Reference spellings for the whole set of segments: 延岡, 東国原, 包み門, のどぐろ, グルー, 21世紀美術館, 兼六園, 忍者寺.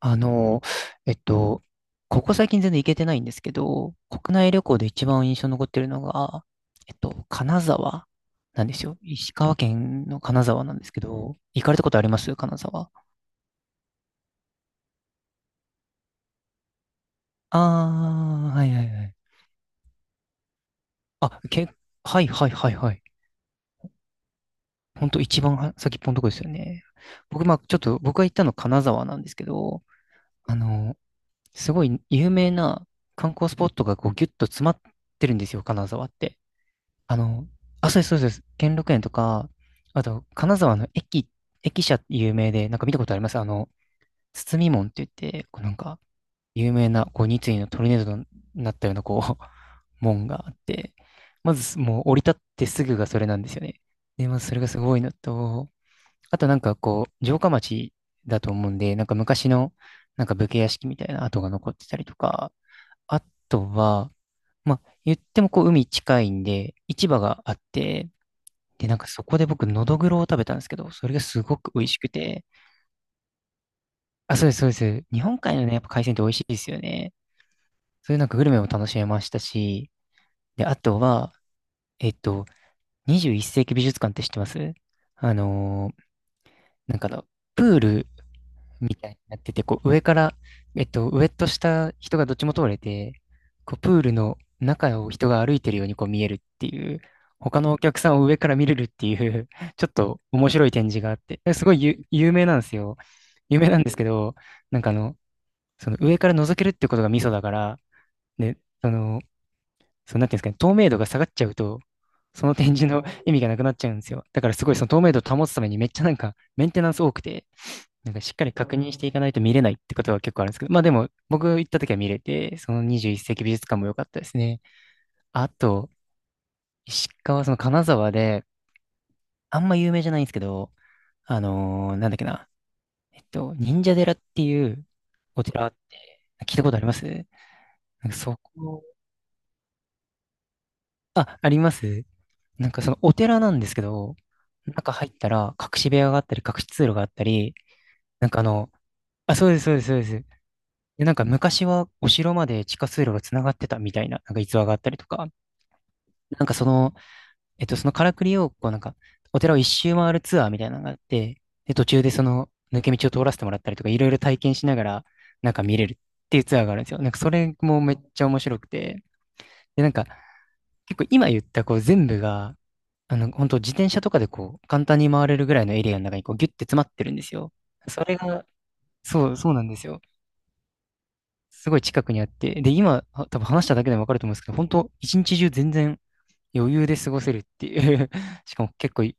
あの、えっと、ここ最近全然行けてないんですけど、国内旅行で一番印象に残ってるのが、金沢なんですよ。石川県の金沢なんですけど、行かれたことあります金沢。あー、はいはいはい。あ、け、はいはいはいはい。ほんと一番は先っぽのとこですよね。僕、まあちょっと、僕が行ったの金沢なんですけど、あの、すごい有名な観光スポットがこうギュッと詰まってるんですよ、金沢って。あの、あ、そうです、そうです。兼六園とか、あと、金沢の駅、駅舎って有名で、なんか見たことありますあの、包み門って言って、こうなんか、有名な、こう、二井のトルネードになったような、こう、門があって、まず、もう降り立ってすぐがそれなんですよね。で、まずそれがすごいのと、あとなんかこう、城下町だと思うんで、なんか昔の、なんか武家屋敷みたいな跡が残ってたりとか、あとは、まあ、言ってもこう海近いんで、市場があって、で、なんかそこで僕、のどぐろを食べたんですけど、それがすごく美味しくて。あ、そうです、そうです。日本海のね、やっぱ海鮮って美味しいですよね。そういうなんかグルメも楽しめましたし、で、あとは、えっと、21世紀美術館って知ってますあのーなんかあの、プールみたいになってて、こう上から、上と下、人がどっちも通れて、こうプールの中を人が歩いてるようにこう見えるっていう、他のお客さんを上から見れるっていう ちょっと面白い展示があって、すごい有名なんですよ。有名なんですけど、なんかあの、その上から覗けるってことがミソだから、ね、その、そのなんていうんですかね、透明度が下がっちゃうと、その展示の 意味がなくなっちゃうんですよ。だからすごいその透明度を保つためにめっちゃなんかメンテナンス多くて、なんかしっかり確認していかないと見れないってことは結構あるんですけど、まあでも僕行った時は見れて、その21世紀美術館も良かったですね。あと、石川、その金沢で、あんま有名じゃないんですけど、あのーなんだっけな、えっと、忍者寺っていうお寺って聞いたことありますなんかそこ、あ、ありますなんかそのお寺なんですけど、中入ったら隠し部屋があったり、隠し通路があったり、なんかあの、あ、そうです、そうです、そうです。で、なんか昔はお城まで地下通路が繋がってたみたいな、なんか逸話があったりとか、なんかその、そのからくりを、こうなんか、お寺を一周回るツアーみたいなのがあって、で、途中でその抜け道を通らせてもらったりとか、いろいろ体験しながら、なんか見れるっていうツアーがあるんですよ。なんかそれもめっちゃ面白くて、で、なんか結構今言ったこう全部が、本当自転車とかでこう、簡単に回れるぐらいのエリアの中にこう、ギュッて詰まってるんですよ。それが、そう、そうなんですよ。すごい近くにあって、で、今、は多分話しただけでもわかると思うんですけど、本当一日中全然余裕で過ごせるっていう しかも結構い、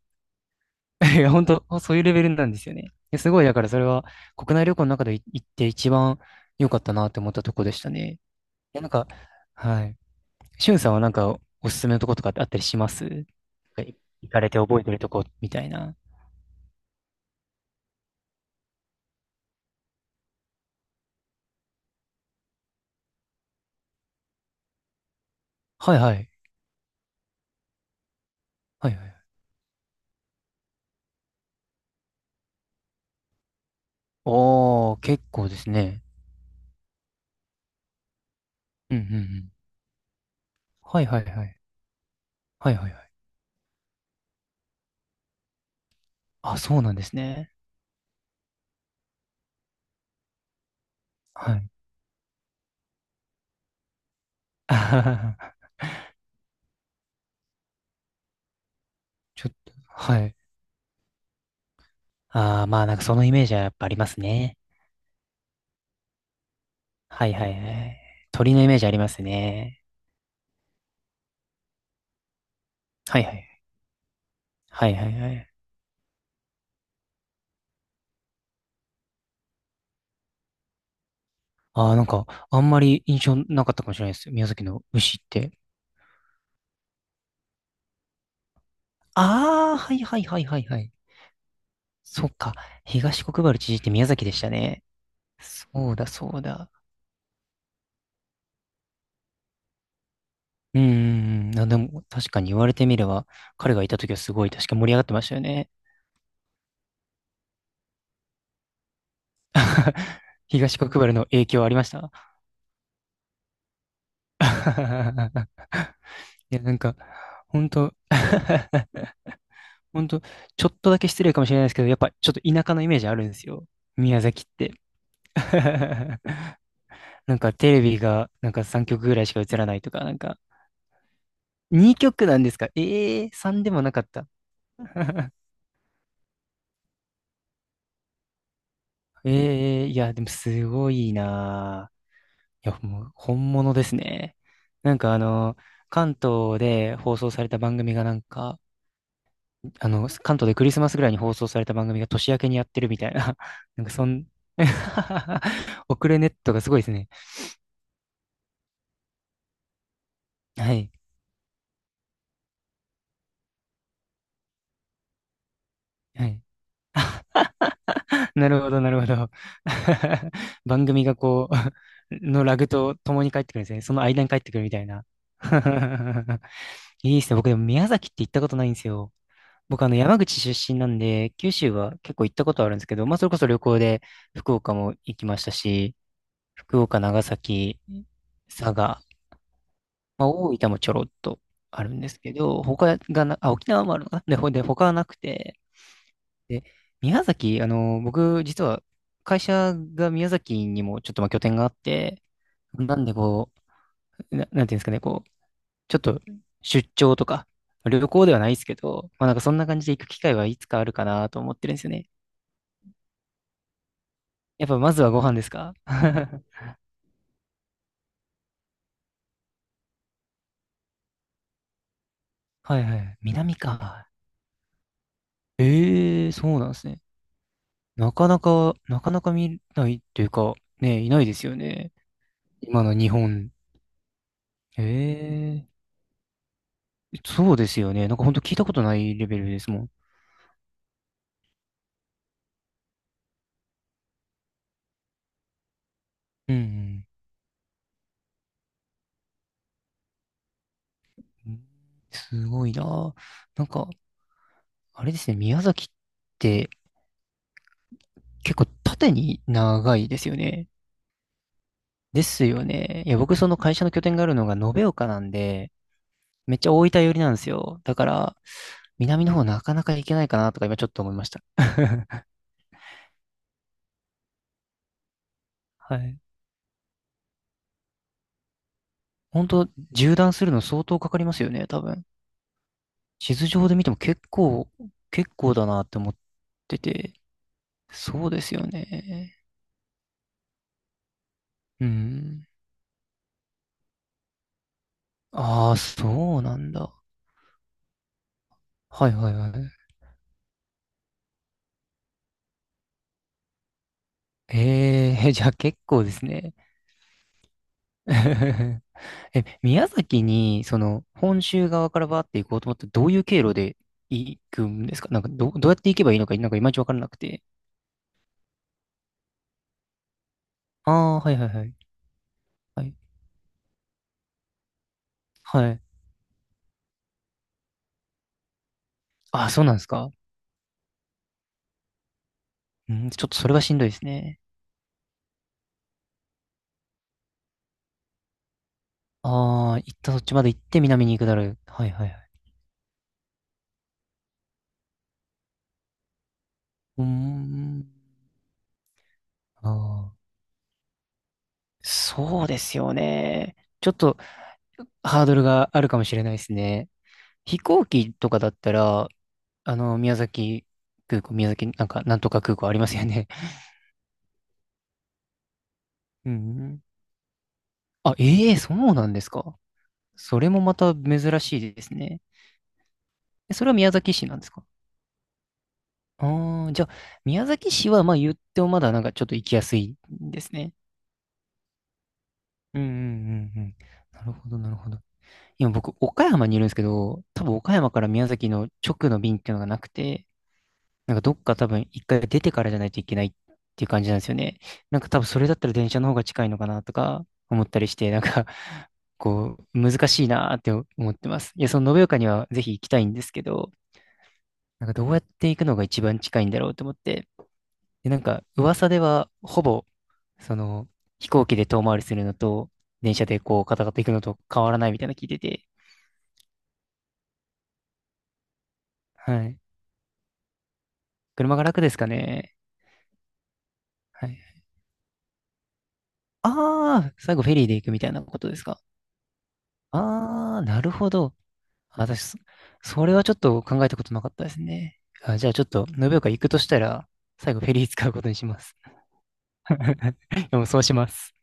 いや、本当そういうレベルなんですよね。ですごい、だからそれは国内旅行の中で行って一番良かったなって思ったとこでしたね。いや、なんか、はい。しゅんさんはなんかおすすめのとことかってあったりしますなんか行かれて覚えてるとこみたいな。はいはい。はいはい。おー、結構ですね。うんうんうん。はいはいはい。はいはいはい。あ、そうなんですね。はい。あー ちょっと、はい。ああ、まあなんかそのイメージはやっぱありますね。はいはいはい。鳥のイメージありますね。はいはい。はいはいはい。ああ、なんかあんまり印象なかったかもしれないです。宮崎の牛って。ああ、はいはいはいはいはい。そっか。東国原知事って宮崎でしたね。そうだそうだ。うんうんうん。あ、でも確かに言われてみれば、彼がいた時はすごい確か盛り上がってましたよね。東国原の影響ありました いや、なんか、ほんと、ほんと、ちょっとだけ失礼かもしれないですけど、やっぱちょっと田舎のイメージあるんですよ。宮崎って。なんかテレビが、なんか3曲ぐらいしか映らないとか、なんか、2曲なんですかええー、3でもなかった。ええー、いや、でもすごいなぁ。いや、もう本物ですね。なんかあの、関東で放送された番組がなんか、あの、関東でクリスマスぐらいに放送された番組が年明けにやってるみたいな、なんかそん、遅れネットがすごいですね。はい。はい。なるほど、なるほど。番組がこう、のラグと共に帰ってくるんですね。その間に帰ってくるみたいな。いいですね。僕でも宮崎って行ったことないんですよ。僕あの山口出身なんで、九州は結構行ったことあるんですけど、まあそれこそ旅行で福岡も行きましたし、福岡、長崎、佐賀、まあ、大分もちょろっとあるんですけど、他がな、あ、沖縄もあるのかな で、ほで、他はなくて、で、宮崎、あの、僕、実は会社が宮崎にもちょっとまあ拠点があって、なんでこう、なんていうんですかね、こう、ちょっと出張とか、旅行ではないですけど、まあなんかそんな感じで行く機会はいつかあるかなと思ってるんですよね。やっぱまずはご飯ですか はいはい。南か。ええそうなんですね。なかなか、なかなか見ないっていうか、ね、いないですよね。今の日本。ええそうですよね。なんか本当聞いたことないレベルですもん。うん、うん。すごいな。なんか、あれですね、宮崎って結構縦に長いですよね。ですよね。いや、僕その会社の拠点があるのが延岡なんで、めっちゃ大分寄りなんですよ。だから、南の方なかなか行けないかなとか今ちょっと思いました。はい。本当縦断するの相当かかりますよね、多分。地図上で見ても結構、結構だなって思ってて、そうですよね。うん。ああ、そうなんだ。はいはいはい。えー、じゃあ結構ですね。え、宮崎に、その、本州側からバーって行こうと思って、どういう経路で行くんですかなんか、どうやって行けばいいのか、なんかいまいちわからなくて。ああ、はいはいはい。はい。はい。ああ、そうなんですか。うん、ちょっとそれはしんどいですね。ああ、行ったそっちまで行って南に行くだろう。はいはいはい。うーん。ああ。そうですよね。ちょっとハードルがあるかもしれないですね。飛行機とかだったら、あの、宮崎空港、宮崎、なんか、なんとか空港ありますよね。うん。あ、ええそうなんですか。それもまた珍しいですね。えそれは宮崎市なんですかああー、じゃあ、宮崎市は、まあ言ってもまだなんかちょっと行きやすいんですね。うんうんうんうん。なるほど、なるほど。今僕、岡山にいるんですけど、多分岡山から宮崎の直の便っていうのがなくて、なんかどっか多分一回出てからじゃないといけないっていう感じなんですよね。なんか多分それだったら電車の方が近いのかなとか思ったりして、なんか こう難しいなーって思ってます。いや、その延岡にはぜひ行きたいんですけど、なんかどうやって行くのが一番近いんだろうと思って。で、なんか噂ではほぼその飛行機で遠回りするのと電車でこうカタカタ行くのと変わらないみたいなの聞いてて。はい。車が楽ですかね。はい。ああ、最後フェリーで行くみたいなことですか。あー、なるほど。あ私、それはちょっと考えたことなかったですね。あ、じゃあちょっと、延岡行くとしたら、最後フェリー使うことにします。でもそうします。